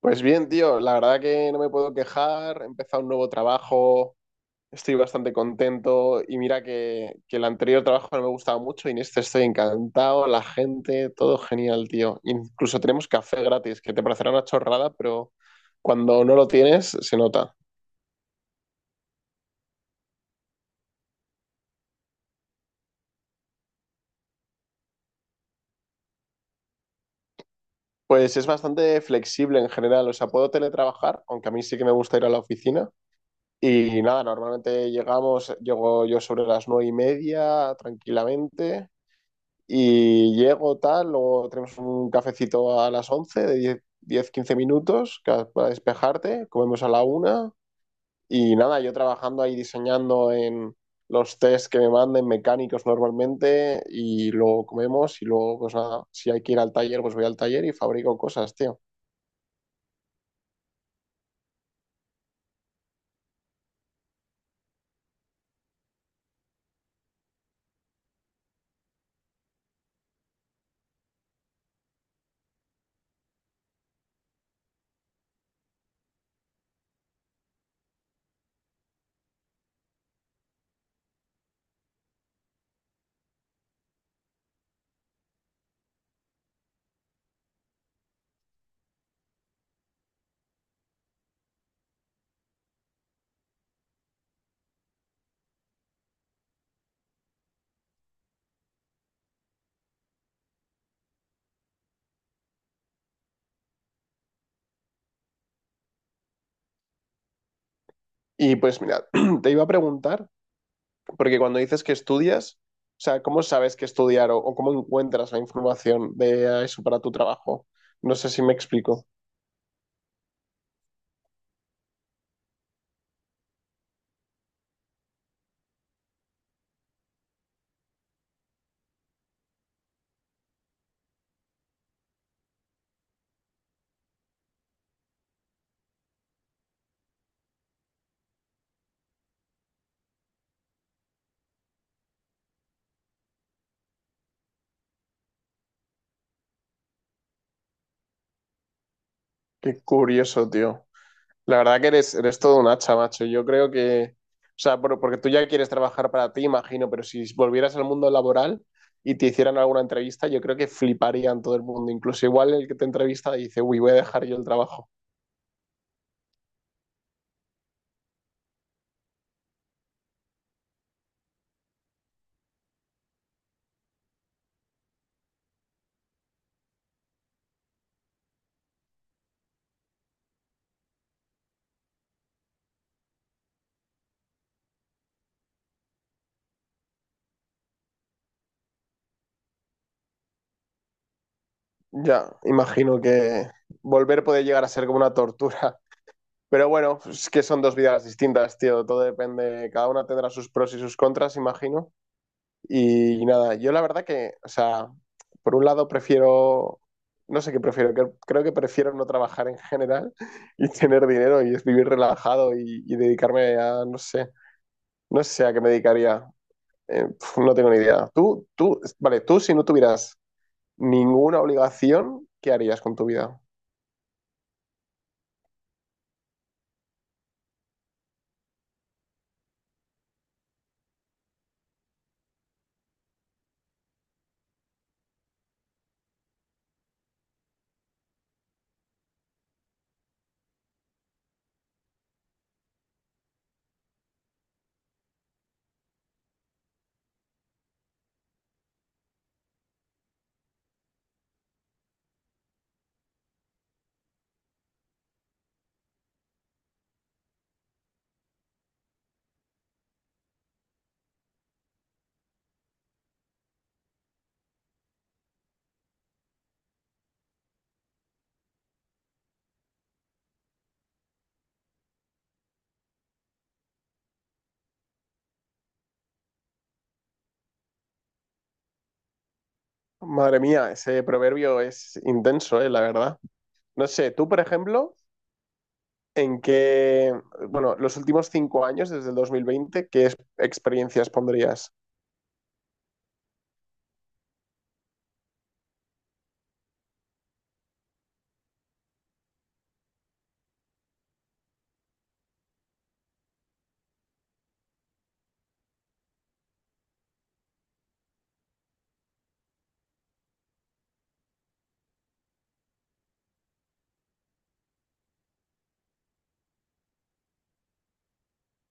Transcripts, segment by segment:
Pues bien, tío, la verdad que no me puedo quejar. He empezado un nuevo trabajo, estoy bastante contento y mira que el anterior trabajo no me gustaba mucho y en este estoy encantado, la gente, todo genial, tío. Incluso tenemos café gratis, que te parecerá una chorrada, pero cuando no lo tienes se nota. Pues es bastante flexible en general, o sea, puedo teletrabajar, aunque a mí sí que me gusta ir a la oficina. Y nada, llego yo sobre las 9:30 tranquilamente. Y llego tal, luego tenemos un cafecito a las 11 de 10 15 minutos para despejarte, comemos a la una y nada, yo trabajando ahí diseñando en los tests que me manden mecánicos normalmente y luego comemos y luego pues nada, si hay que ir al taller pues voy al taller y fabrico cosas, tío. Y pues mira, te iba a preguntar, porque cuando dices que estudias, o sea, ¿cómo sabes que estudiar o cómo encuentras la información de eso para tu trabajo? No sé si me explico. Qué curioso, tío. La verdad que eres todo un hacha, macho. Yo creo que, o sea, porque tú ya quieres trabajar para ti, imagino, pero si volvieras al mundo laboral y te hicieran alguna entrevista, yo creo que fliparían todo el mundo. Incluso igual el que te entrevista dice, uy, voy a dejar yo el trabajo. Ya, imagino que volver puede llegar a ser como una tortura. Pero bueno, es que son dos vidas distintas, tío. Todo depende, cada una tendrá sus pros y sus contras, imagino. Y nada, yo la verdad que, o sea, por un lado prefiero, no sé qué prefiero, creo que prefiero no trabajar en general y tener dinero y es vivir relajado y dedicarme a, no sé, no sé a qué me dedicaría. No tengo ni idea. Vale, tú si no tuvieras ninguna obligación, ¿qué harías con tu vida? Madre mía, ese proverbio es intenso, la verdad. No sé, tú, por ejemplo, en qué, bueno, los últimos cinco años, desde el 2020 experiencias pondrías?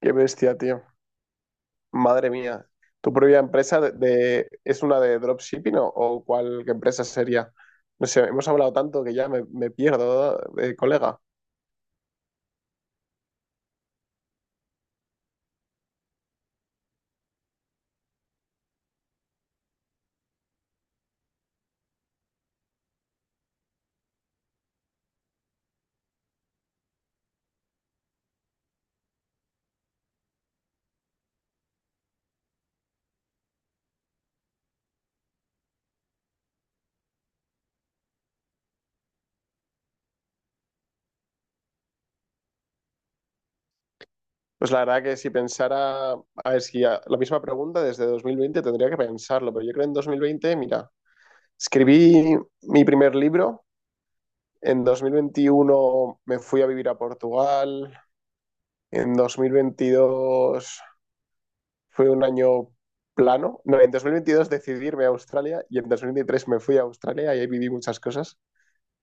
Qué bestia, tío. Madre mía. ¿Tu propia empresa es una de dropshipping o cuál qué empresa sería? No sé, hemos hablado tanto que ya me pierdo, colega. Pues la verdad que si pensara, a ver, si a- la misma pregunta desde 2020 tendría que pensarlo, pero yo creo en 2020 mira, escribí mi primer libro, en 2021 me fui a vivir a Portugal. En 2022 fue un año plano. No, en 2022 decidí irme a Australia y en 2023 me fui a Australia y ahí viví muchas cosas.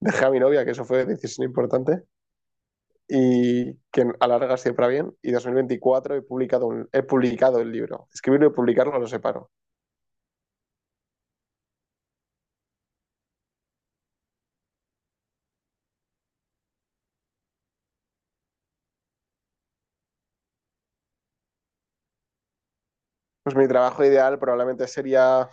Dejé a mi novia, que eso fue una decisión importante y que a la larga siempre va bien. Y en 2024 he publicado, he publicado el libro. Escribirlo y publicarlo lo separo. Pues mi trabajo ideal probablemente sería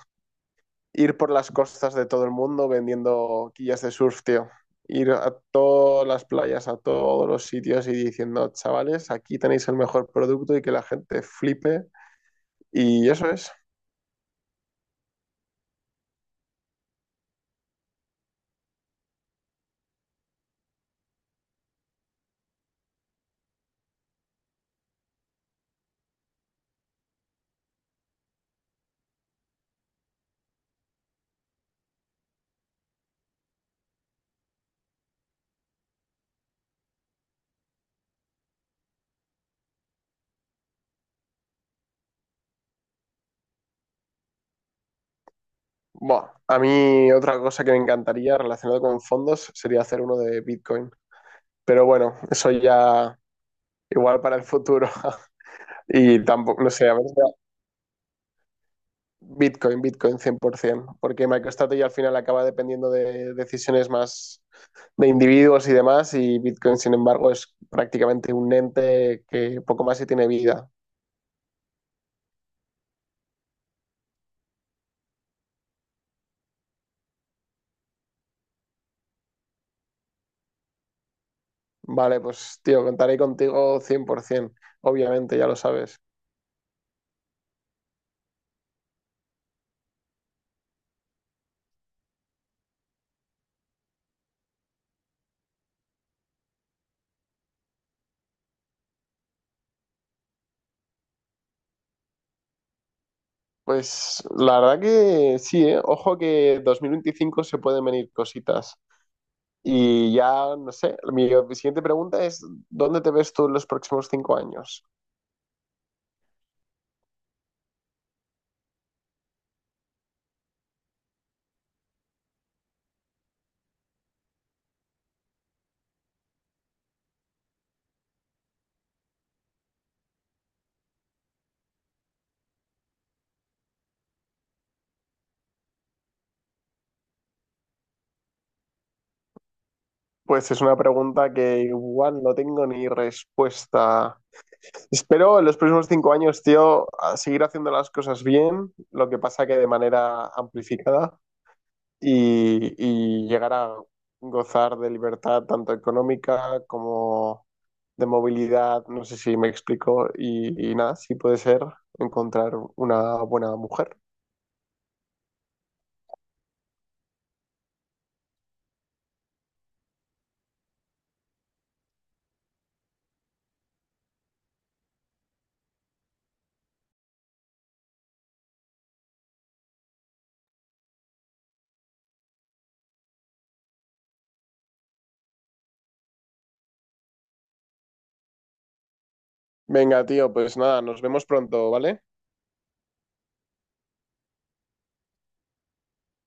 ir por las costas de todo el mundo vendiendo quillas de surf, tío. Ir a todas las playas, a todos los sitios y diciendo, chavales, aquí tenéis el mejor producto y que la gente flipe. Y eso es. Bueno, a mí otra cosa que me encantaría relacionado con fondos sería hacer uno de Bitcoin. Pero bueno, eso ya igual para el futuro. Y tampoco, no sé, a ver, Bitcoin, Bitcoin 100%, porque MicroStrategy al final acaba dependiendo de decisiones más de individuos y demás, y Bitcoin, sin embargo, es prácticamente un ente que poco más y tiene vida. Vale, pues tío, contaré contigo 100%, obviamente, ya lo sabes. Pues la verdad que sí, ¿eh? Ojo que 2025 se pueden venir cositas. Y ya, no sé, mi siguiente pregunta es, ¿dónde te ves tú en los próximos cinco años? Pues es una pregunta que igual no tengo ni respuesta. Espero en los próximos cinco años, tío, a seguir haciendo las cosas bien, lo que pasa que de manera amplificada y llegar a gozar de libertad tanto económica como de movilidad, no sé si me explico, y nada, si puede ser encontrar una buena mujer. Venga, tío, pues nada, nos vemos pronto, ¿vale?